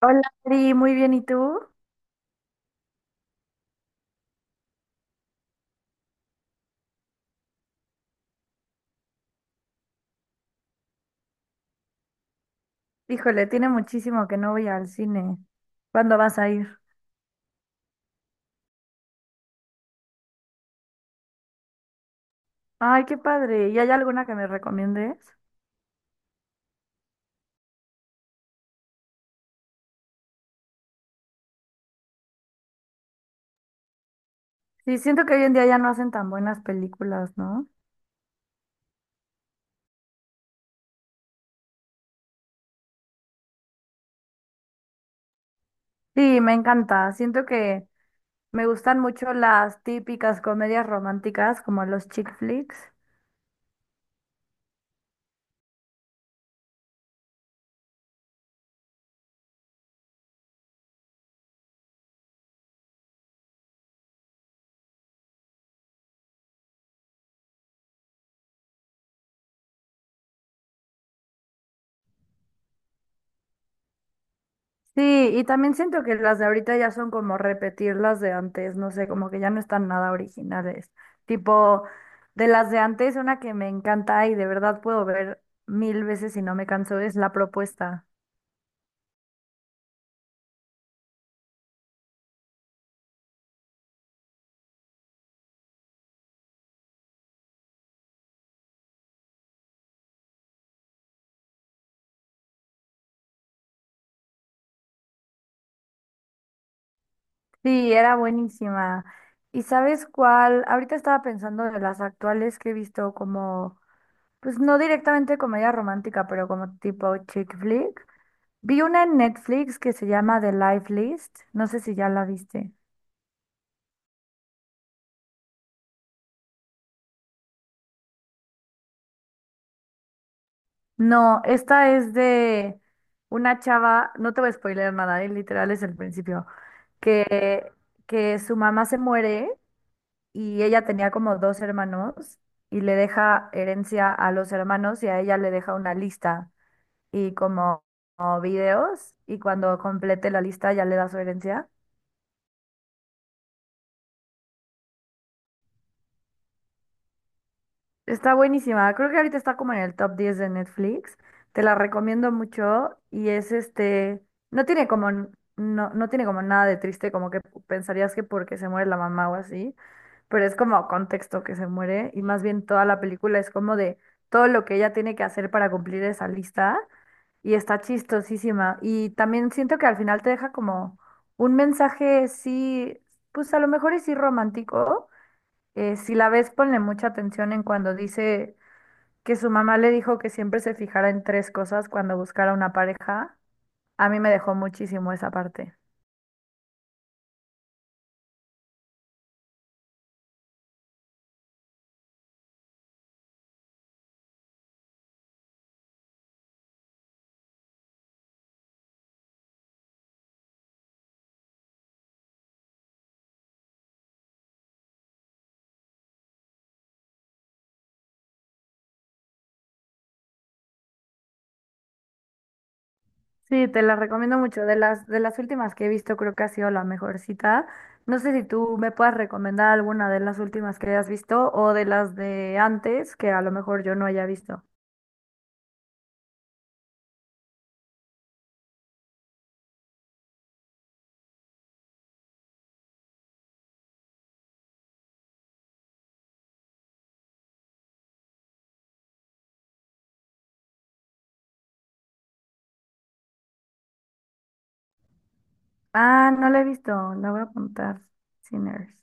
Hola, Ari, muy bien, ¿y tú? Híjole, tiene muchísimo que no voy al cine. ¿Cuándo vas a ir? Ay, qué padre. ¿Y hay alguna que me recomiendes? Sí, siento que hoy en día ya no hacen tan buenas películas, ¿no? Sí, me encanta. Siento que me gustan mucho las típicas comedias románticas como los chick flicks. Sí, y también siento que las de ahorita ya son como repetir las de antes, no sé, como que ya no están nada originales. Tipo, de las de antes, una que me encanta y de verdad puedo ver mil veces y no me canso es La Propuesta. Sí, era buenísima. ¿Y sabes cuál? Ahorita estaba pensando de las actuales que he visto como, pues no directamente comedia romántica, pero como tipo chick flick. Vi una en Netflix que se llama The Life List, no sé si ya la viste. No, esta es de una chava, no te voy a spoiler nada, literal es el principio, que, que su mamá se muere y ella tenía como dos hermanos y le deja herencia a los hermanos y a ella le deja una lista y como videos y cuando complete la lista ya le da su herencia. Está buenísima. Creo que ahorita está como en el top 10 de Netflix. Te la recomiendo mucho y es este, no tiene como n- no tiene como nada de triste, como que pensarías que porque se muere la mamá o así, pero es como contexto que se muere y más bien toda la película es como de todo lo que ella tiene que hacer para cumplir esa lista y está chistosísima y también siento que al final te deja como un mensaje sí, pues a lo mejor es sí romántico. Si la ves, ponle mucha atención en cuando dice que su mamá le dijo que siempre se fijara en tres cosas cuando buscara una pareja. A mí me dejó muchísimo esa parte. Sí, te la recomiendo mucho. De las últimas que he visto, creo que ha sido la mejor cita. No sé si tú me puedas recomendar alguna de las últimas que hayas visto o de las de antes que a lo mejor yo no haya visto. Ah, no la he visto. La voy a apuntar. Sinners.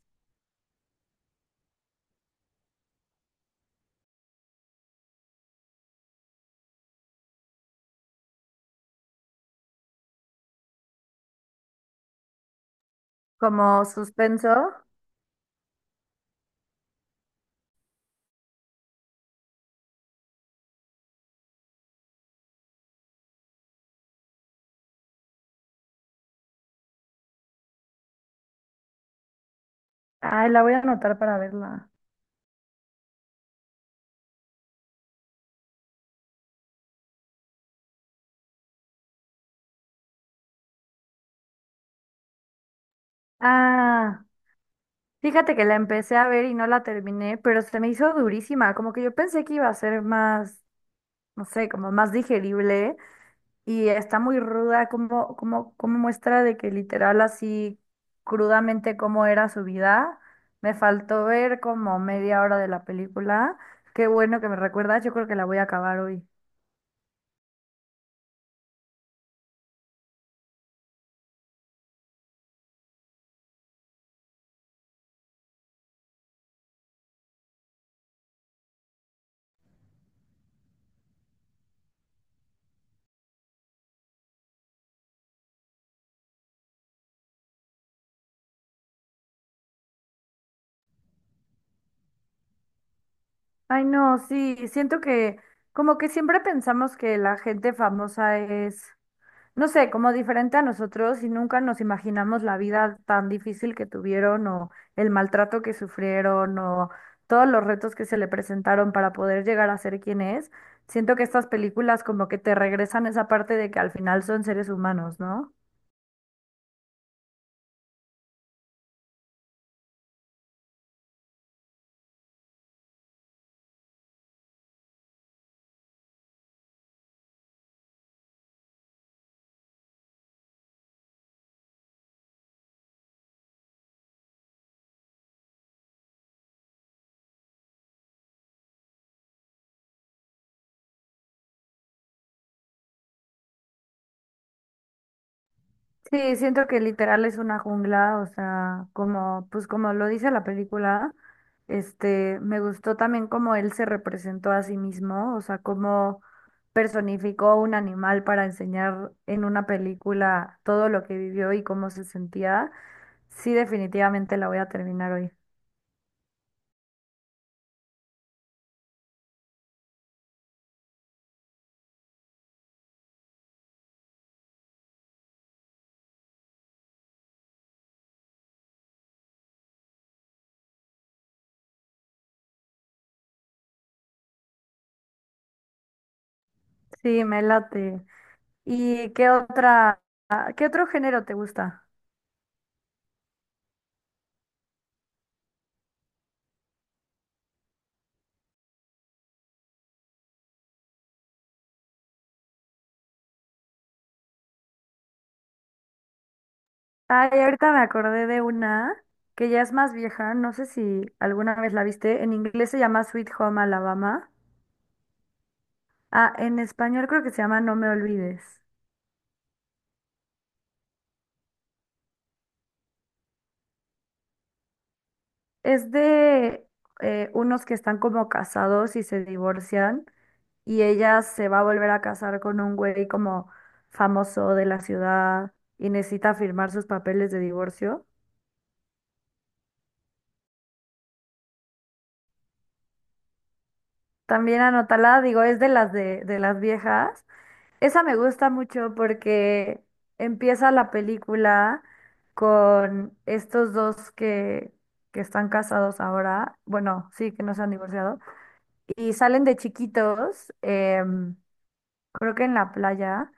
Como suspenso. Ay, la voy a anotar para verla. Ah. Fíjate que la empecé a ver y no la terminé, pero se me hizo durísima, como que yo pensé que iba a ser más, no sé, como más digerible y está muy ruda, como muestra de que literal así crudamente cómo era su vida. Me faltó ver como media hora de la película. Qué bueno que me recuerdas, yo creo que la voy a acabar hoy. Ay, no, sí, siento que como que siempre pensamos que la gente famosa es no sé, como diferente a nosotros y nunca nos imaginamos la vida tan difícil que tuvieron o el maltrato que sufrieron o todos los retos que se le presentaron para poder llegar a ser quien es. Siento que estas películas como que te regresan esa parte de que al final son seres humanos, ¿no? Sí, siento que literal es una jungla, o sea, como, pues como lo dice la película, este, me gustó también cómo él se representó a sí mismo, o sea, cómo personificó un animal para enseñar en una película todo lo que vivió y cómo se sentía. Sí, definitivamente la voy a terminar hoy. Sí, me late. ¿Y qué otro género te gusta? Ay, ahorita me acordé de una que ya es más vieja, no sé si alguna vez la viste. En inglés se llama Sweet Home Alabama. Ah, en español creo que se llama No me olvides. Es de unos que están como casados y se divorcian y ella se va a volver a casar con un güey como famoso de la ciudad y necesita firmar sus papeles de divorcio. También anótala, digo, es de las de las viejas. Esa me gusta mucho porque empieza la película con estos dos que están casados ahora, bueno, sí, que no se han divorciado, y salen de chiquitos, creo que en la playa,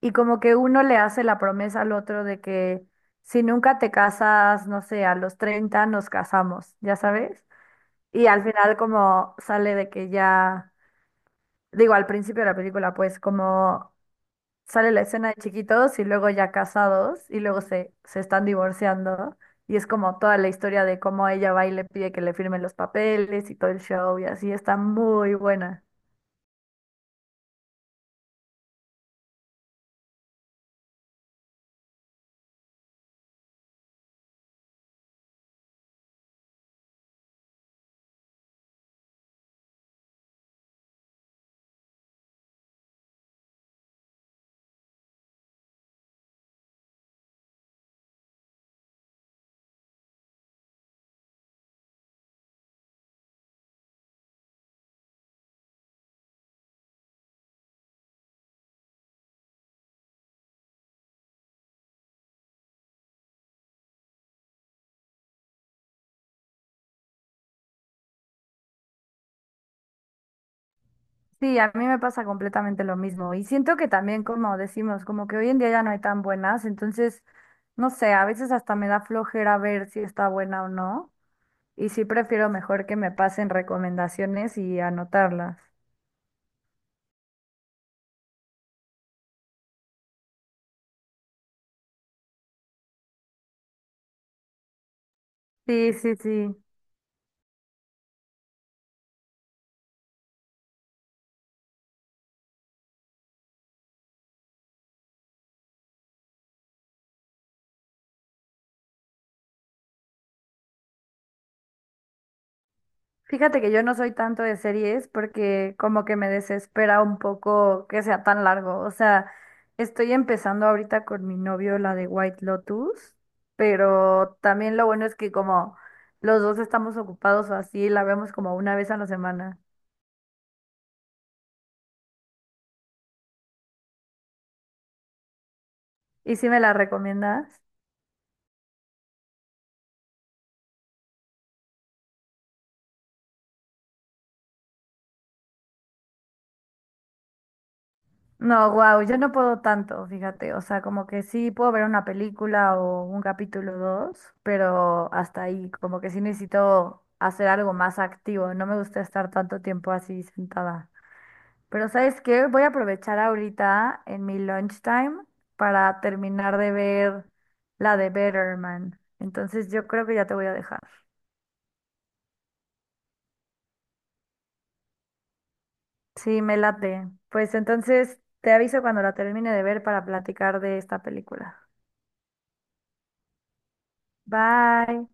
y como que uno le hace la promesa al otro de que si nunca te casas, no sé, a los 30 nos casamos, ya sabes, y al final como sale de que ya, digo, al principio de la película, pues como sale la escena de chiquitos y luego ya casados y luego se están divorciando y es como toda la historia de cómo ella va y le pide que le firmen los papeles y todo el show y así está muy buena. Sí, a mí me pasa completamente lo mismo y siento que también como decimos, como que hoy en día ya no hay tan buenas, entonces no sé, a veces hasta me da flojera ver si está buena o no y sí prefiero mejor que me pasen recomendaciones y anotarlas. Sí, sí, sí. Fíjate que yo no soy tanto de series porque como que me desespera un poco que sea tan largo. O sea, estoy empezando ahorita con mi novio la de White Lotus, pero también lo bueno es que como los dos estamos ocupados o así, la vemos como una vez a la semana. ¿Y si me la recomiendas? No, wow, yo no puedo tanto, fíjate. O sea, como que sí puedo ver una película o un capítulo dos, pero hasta ahí, como que sí necesito hacer algo más activo. No me gusta estar tanto tiempo así sentada. Pero ¿sabes qué? Voy a aprovechar ahorita en mi lunchtime para terminar de ver la de Better Man. Entonces yo creo que ya te voy a dejar. Sí, me late. Pues entonces te aviso cuando la termine de ver para platicar de esta película. Bye.